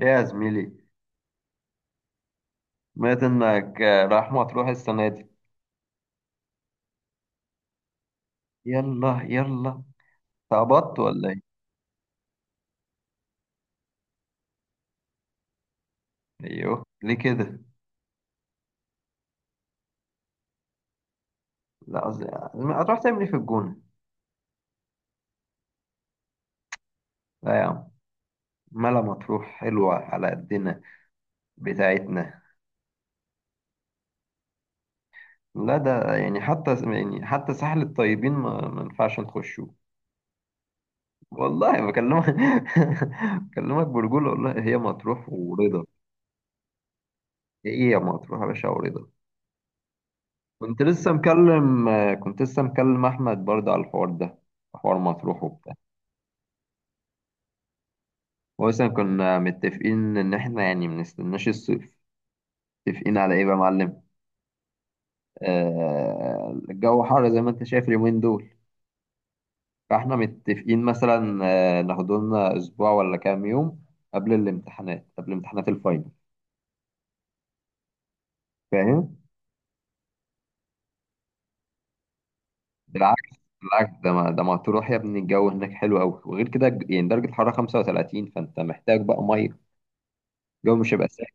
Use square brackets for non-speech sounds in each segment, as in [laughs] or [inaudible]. يا زميلي، سمعت انك رايح مطروح السنة دي. يلا. تعبطت ولا ايه؟ ايوه، ليه كده؟ لا عز- هتروح تعمل ايه في الجونة؟ لا يا عم، ملا مطروح حلوة على قدنا، بتاعتنا. لا، ده يعني حتى ساحل الطيبين ما ينفعش نخشه. والله بكلمك [laughs] بكلمك برجولة، والله هي مطروح ورضا. ايه يا مطروح يا باشا ورضا. كنت لسه مكلم كنت لسه مكلم احمد برضه على الحوار ده، حوار مطروح وبتاع. مثلا كنا متفقين ان احنا يعني منستناش الصيف. متفقين على ايه بقى يا معلم؟ آه، الجو حر زي ما انت شايف اليومين دول. فاحنا متفقين مثلا، آه، ناخد لنا اسبوع ولا كام يوم قبل الامتحانات، قبل امتحانات الفاينل، فاهم. بالعكس، بالعكس، ده ما تروح يا ابني، الجو هناك حلو قوي. وغير كده يعني درجة الحرارة 35، فانت محتاج بقى ميه. الجو مش هيبقى سهل.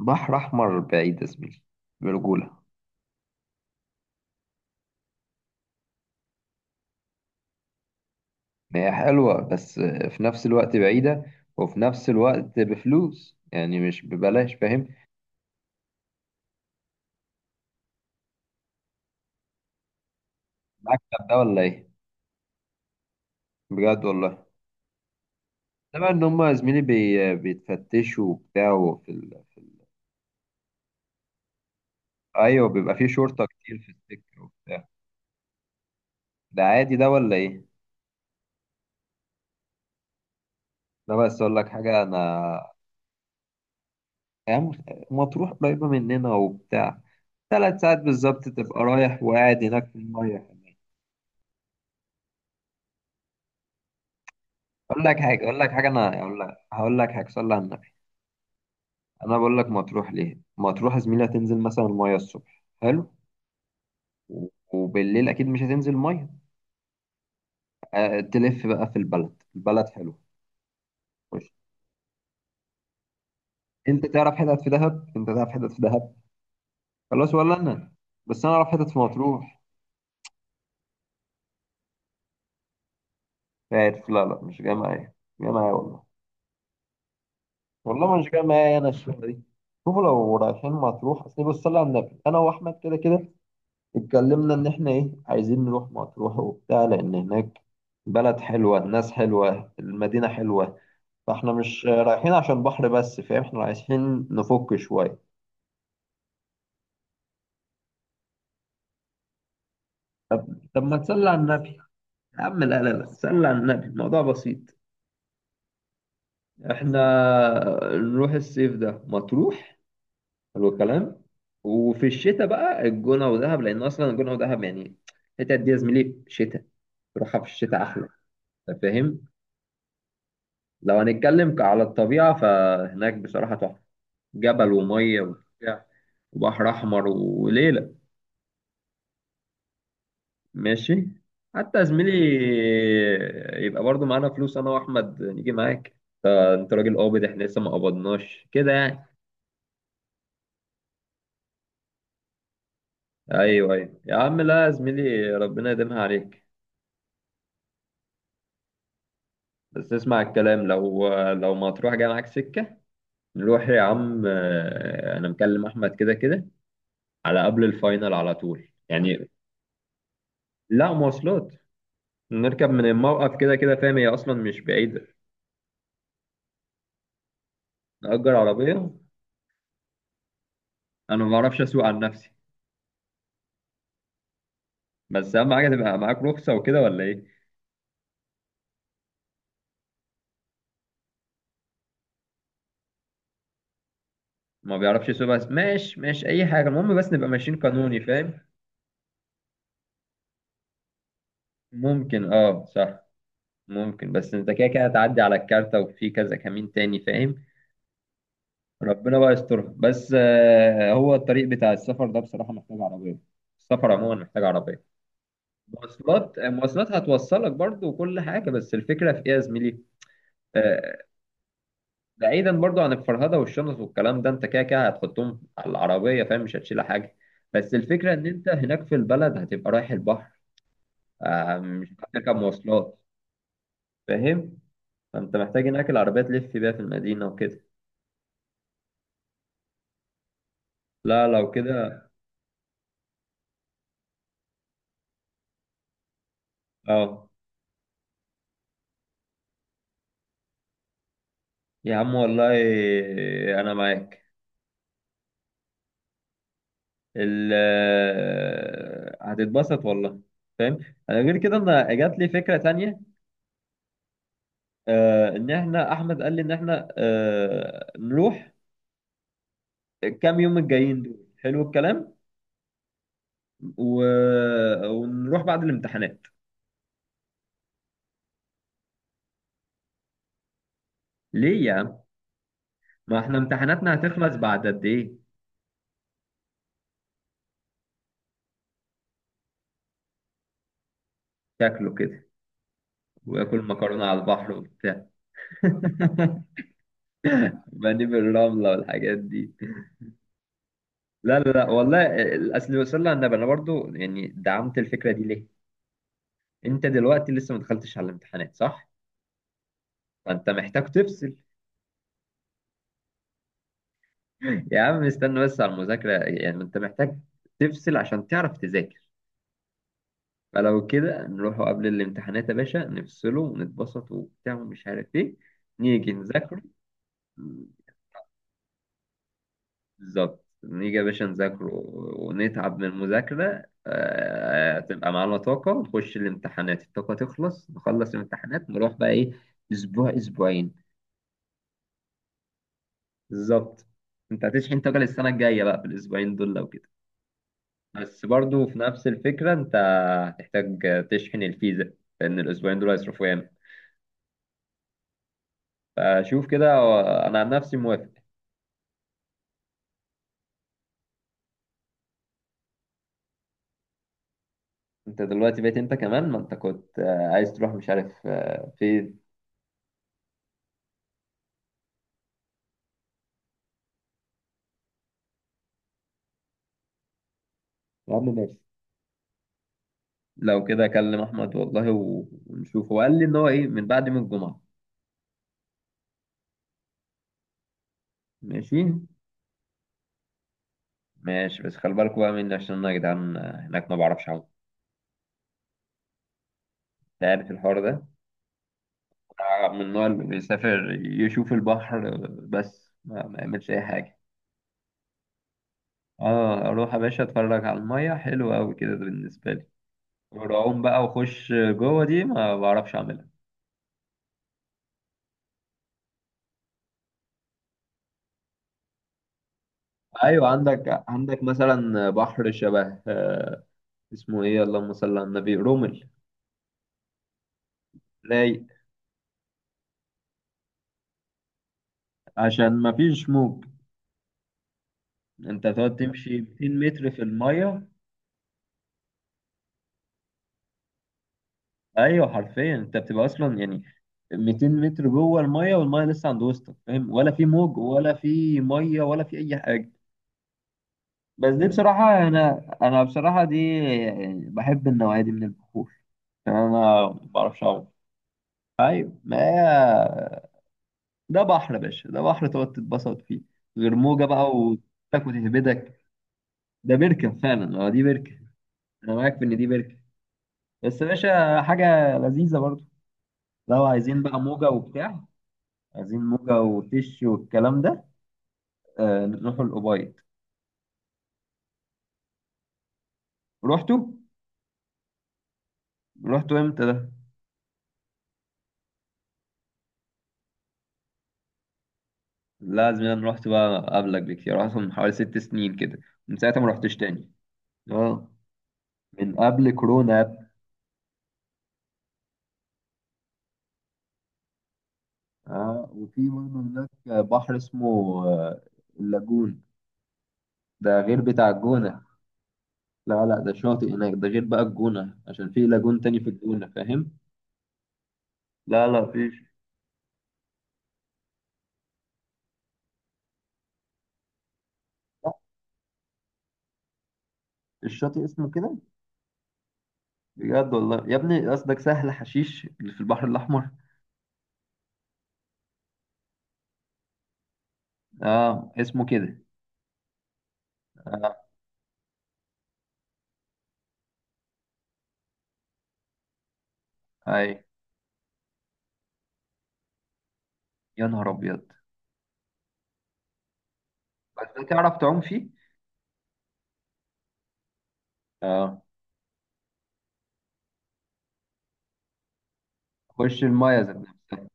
بحر احمر بعيد يا زميلي، برجولة. هي حلوة بس في نفس الوقت بعيدة، وفي نفس الوقت بفلوس، يعني مش ببلاش، فاهم. المكتب ده ولا ايه؟ بجد والله. انما ان هم يا زميلي بيتفتشوا وبتاع في ايوه، بيبقى في شرطة كتير في السكة وبتاع. ده عادي ده ولا ايه. ده بس اقول لك حاجة انا، يعني مطروح قريبة مننا وبتاع. ثلاث ساعات بالظبط تبقى رايح وقاعد هناك في المية. اقول لك حاجة اقول لك حاجة انا اقول لك هقول لك حاجة، صلي على النبي. انا بقول لك مطروح، ليه مطروح يا زميلي؟ هتنزل مثلا ميه الصبح، حلو. و- وبالليل اكيد مش هتنزل ميه. أه، تلف بقى في البلد، البلد حلو. خش. انت تعرف حتت في دهب؟ انت تعرف حتت في دهب؟ خلاص، ولا انا بس انا اعرف حتت في مطروح. عارف، لا لا، مش جاي معايا. مش جاي معايا والله والله مش جاي معايا انا الشغله دي. شوفوا، لو رايحين مطروح اصل بص، صلي على النبي، انا واحمد كده كده اتكلمنا ان احنا ايه، عايزين نروح مطروح وبتاع، لان هناك بلد حلوه، الناس حلوه، المدينه حلوه. فاحنا مش رايحين عشان بحر بس، فاهم، احنا رايحين نفك شوية. طب ما تسلى على النبي. يا عم، لا لا لا، تسلى على النبي، الموضوع بسيط. احنا نروح الصيف ده مطروح، حلو الكلام. وفي الشتاء بقى الجونة ودهب، لأن أصلا الجونة ودهب يعني الحتت دي يا زميلي شتاء، تروحها في الشتاء أحلى. أنت فاهم. لو هنتكلم على الطبيعة، فهناك بصراحة تحفة، جبل ومية وبتاع، وبحر أحمر وليلة. ماشي. حتى يا زميلي يبقى برضو معانا فلوس انا واحمد نيجي معاك. آه، انت راجل قابض، احنا لسه ما قبضناش كده يعني. ايوه ايوه يا عم، لا يا زميلي، ربنا يديمها عليك. بس اسمع الكلام، لو ما تروح جاي معاك سكه. نروح يا عم، آه، انا مكلم احمد كده كده، على قبل الفاينل، على طول يعني. لا، مواصلات. نركب من الموقف كده كده، فاهم، هي اصلا مش بعيده. نأجر عربيه. انا ما بعرفش اسوق عن نفسي. بس اهم حاجه تبقى معاك رخصه وكده ولا ايه. ما بيعرفش يسوق، بس ماشي ماشي اي حاجه، المهم بس نبقى ماشيين قانوني، فاهم. ممكن، اه صح، ممكن. بس انت كده كده هتعدي على الكارتة وفي كذا كمين تاني، فاهم. ربنا بقى يسترها، بس آه، هو الطريق بتاع السفر ده بصراحه محتاج عربيه. السفر عموما محتاج عربيه. مواصلات، آه، مواصلات هتوصلك برضو وكل حاجه، بس الفكره في ايه يا زميلي. آه، بعيدا برضو عن الفرهده والشنط والكلام ده، انت كده كده هتحطهم على العربيه، فاهم، مش هتشيل حاجه. بس الفكره ان انت هناك في البلد هتبقى رايح البحر، آه، مش بتركب مواصلات، فاهم. فانت محتاج هناك العربية تلف بيها في المدينة وكده. لا لو كده. اه يا عم والله، انا معاك. ال آه، هتتبسط والله، فاهم. انا غير كده انا جات لي فكرة تانية. آه، ان احنا، احمد قال لي ان احنا، آه، نروح الكام يوم الجايين دول، حلو الكلام. و... ونروح بعد الامتحانات. ليه يا عم، ما احنا امتحاناتنا هتخلص بعد قد ايه. شكله كده، واكل مكرونه على البحر وبتاع [laughs] بانيه بالرمله والحاجات دي. لا لا لا والله. الاصل صلى على النبي، انا برضو يعني دعمت الفكره دي ليه. انت دلوقتي لسه ما دخلتش على الامتحانات، صح. فانت محتاج تفصل. [laughs] يا عم استنى بس على المذاكره، يعني ما انت محتاج تفصل عشان تعرف تذاكر. فلو كده نروحوا قبل الامتحانات يا باشا، نفصله ونتبسط وبتاع ومش عارف ايه، نيجي نذاكره. بالظبط، نيجي يا باشا نذاكره ونتعب من المذاكرة، آه، تبقى معانا طاقة ونخش الامتحانات، الطاقة تخلص نخلص الامتحانات، نروح بقى إيه، أسبوع، أسبوعين. بالظبط، أنت هتشحن طاقة للسنة الجاية بقى في الأسبوعين دول، لو كده. بس برضو في نفس الفكرة أنت هتحتاج تشحن الفيزا، لأن الأسبوعين دول هيصرفوا ياما. فشوف كده أنا عن نفسي موافق. أنت دلوقتي بقيت أنت كمان، ما أنت كنت آه، عايز تروح مش عارف آه، فين. يا عم ماشي. لو كده اكلم احمد والله ونشوف، هو قال لي ان هو ايه من بعد يوم الجمعه. ماشي ماشي. بس خلي بالكوا بقى مني، عشان انا يا جدعان هناك ما بعرفش اعوم. انت عارف الحوار ده، من النوع اللي بيسافر يشوف البحر بس ما يعملش اي حاجه. اه، اروح يا باشا اتفرج على الميه، حلو قوي كده بالنسبه لي. والعوم بقى واخش جوه دي ما بعرفش اعملها. ايوه، عندك مثلا بحر شبه، آه، اسمه ايه، اللهم صل على النبي، رمل. رايق، عشان ما فيش موج. انت تقعد تمشي 200 متر في الميه. ايوه حرفيا، انت بتبقى اصلا يعني 200 متر جوه الميه، والميه لسه عند وسطك، فاهم، ولا في موج ولا في ميه ولا في اي حاجه. بس دي بصراحه، انا بصراحه دي يعني بحب النوعيه دي من البحور، عشان انا ما بعرفش اعوم. ايوه، ما هي، ده بحر يا باشا، ده بحر تقعد تتبسط فيه، غير موجه بقى وتك وتهبدك. ده بركه فعلا، اه دي بركه. انا معاك في ان دي بركه. بس يا باشا حاجه لذيذه برضه. لو عايزين بقى موجة وبتاع، عايزين موجة وتش والكلام ده، آه، نروحوا الأوبايد. رحتوا؟ رحتوا امتى ده؟ لازم. انا رحت بقى قبلك بكتير، رحت من حوالي ست سنين كده، من ساعتها ما رحتش تاني. اه، من قبل كورونا يا ابني. اه، وفي برضه هناك بحر اسمه، آه، اللاجون. ده غير بتاع الجونة. لا لا، ده شاطئ هناك، ده غير بقى الجونة، عشان في لاجون تاني في الجونة، فاهم؟ لا لا فيش. لا، الشاطئ اسمه كده. بجد والله يا ابني، قصدك سهل حشيش اللي في البحر الأحمر. اه اسمه كده. اه. اي، يا نهار أبيض. بس ده تعرف تعوم فيه. اه. خش المايه ذات نفسها.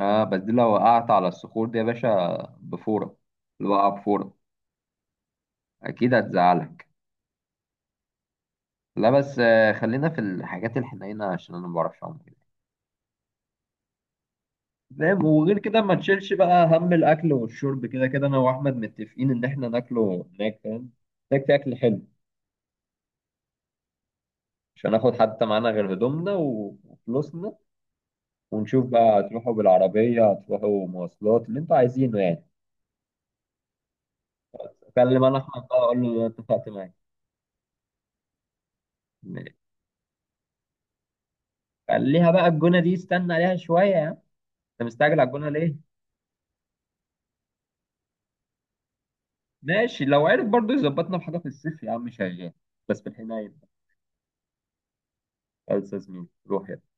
اه، بس دي لو وقعت على الصخور دي يا باشا، بفورة. اللي وقع بفورة، أكيد هتزعلك. لا بس آه، خلينا في الحاجات الحنينة عشان أنا ما بعرفش أعوم كده، فاهم. وغير كده ما تشيلش بقى هم الأكل والشرب، كده كده أنا وأحمد متفقين إن إحنا ناكله هناك، فاهم، ناكل أكل حلو. مش هناخد حتى معانا غير هدومنا وفلوسنا. ونشوف بقى هتروحوا بالعربية هتروحوا مواصلات اللي انتوا عايزينه يعني. اكلم انا احمد بقى اقول له اتفقت معاك. خليها بقى الجونة دي، استنى عليها شوية يا عم. انت مستعجل على الجونة ليه؟ ماشي، لو عرف برضه يظبطنا بحاجة في الصيف يا عم شغال. بس في الحناية بقى. خلص يا زميلي، روح يلا.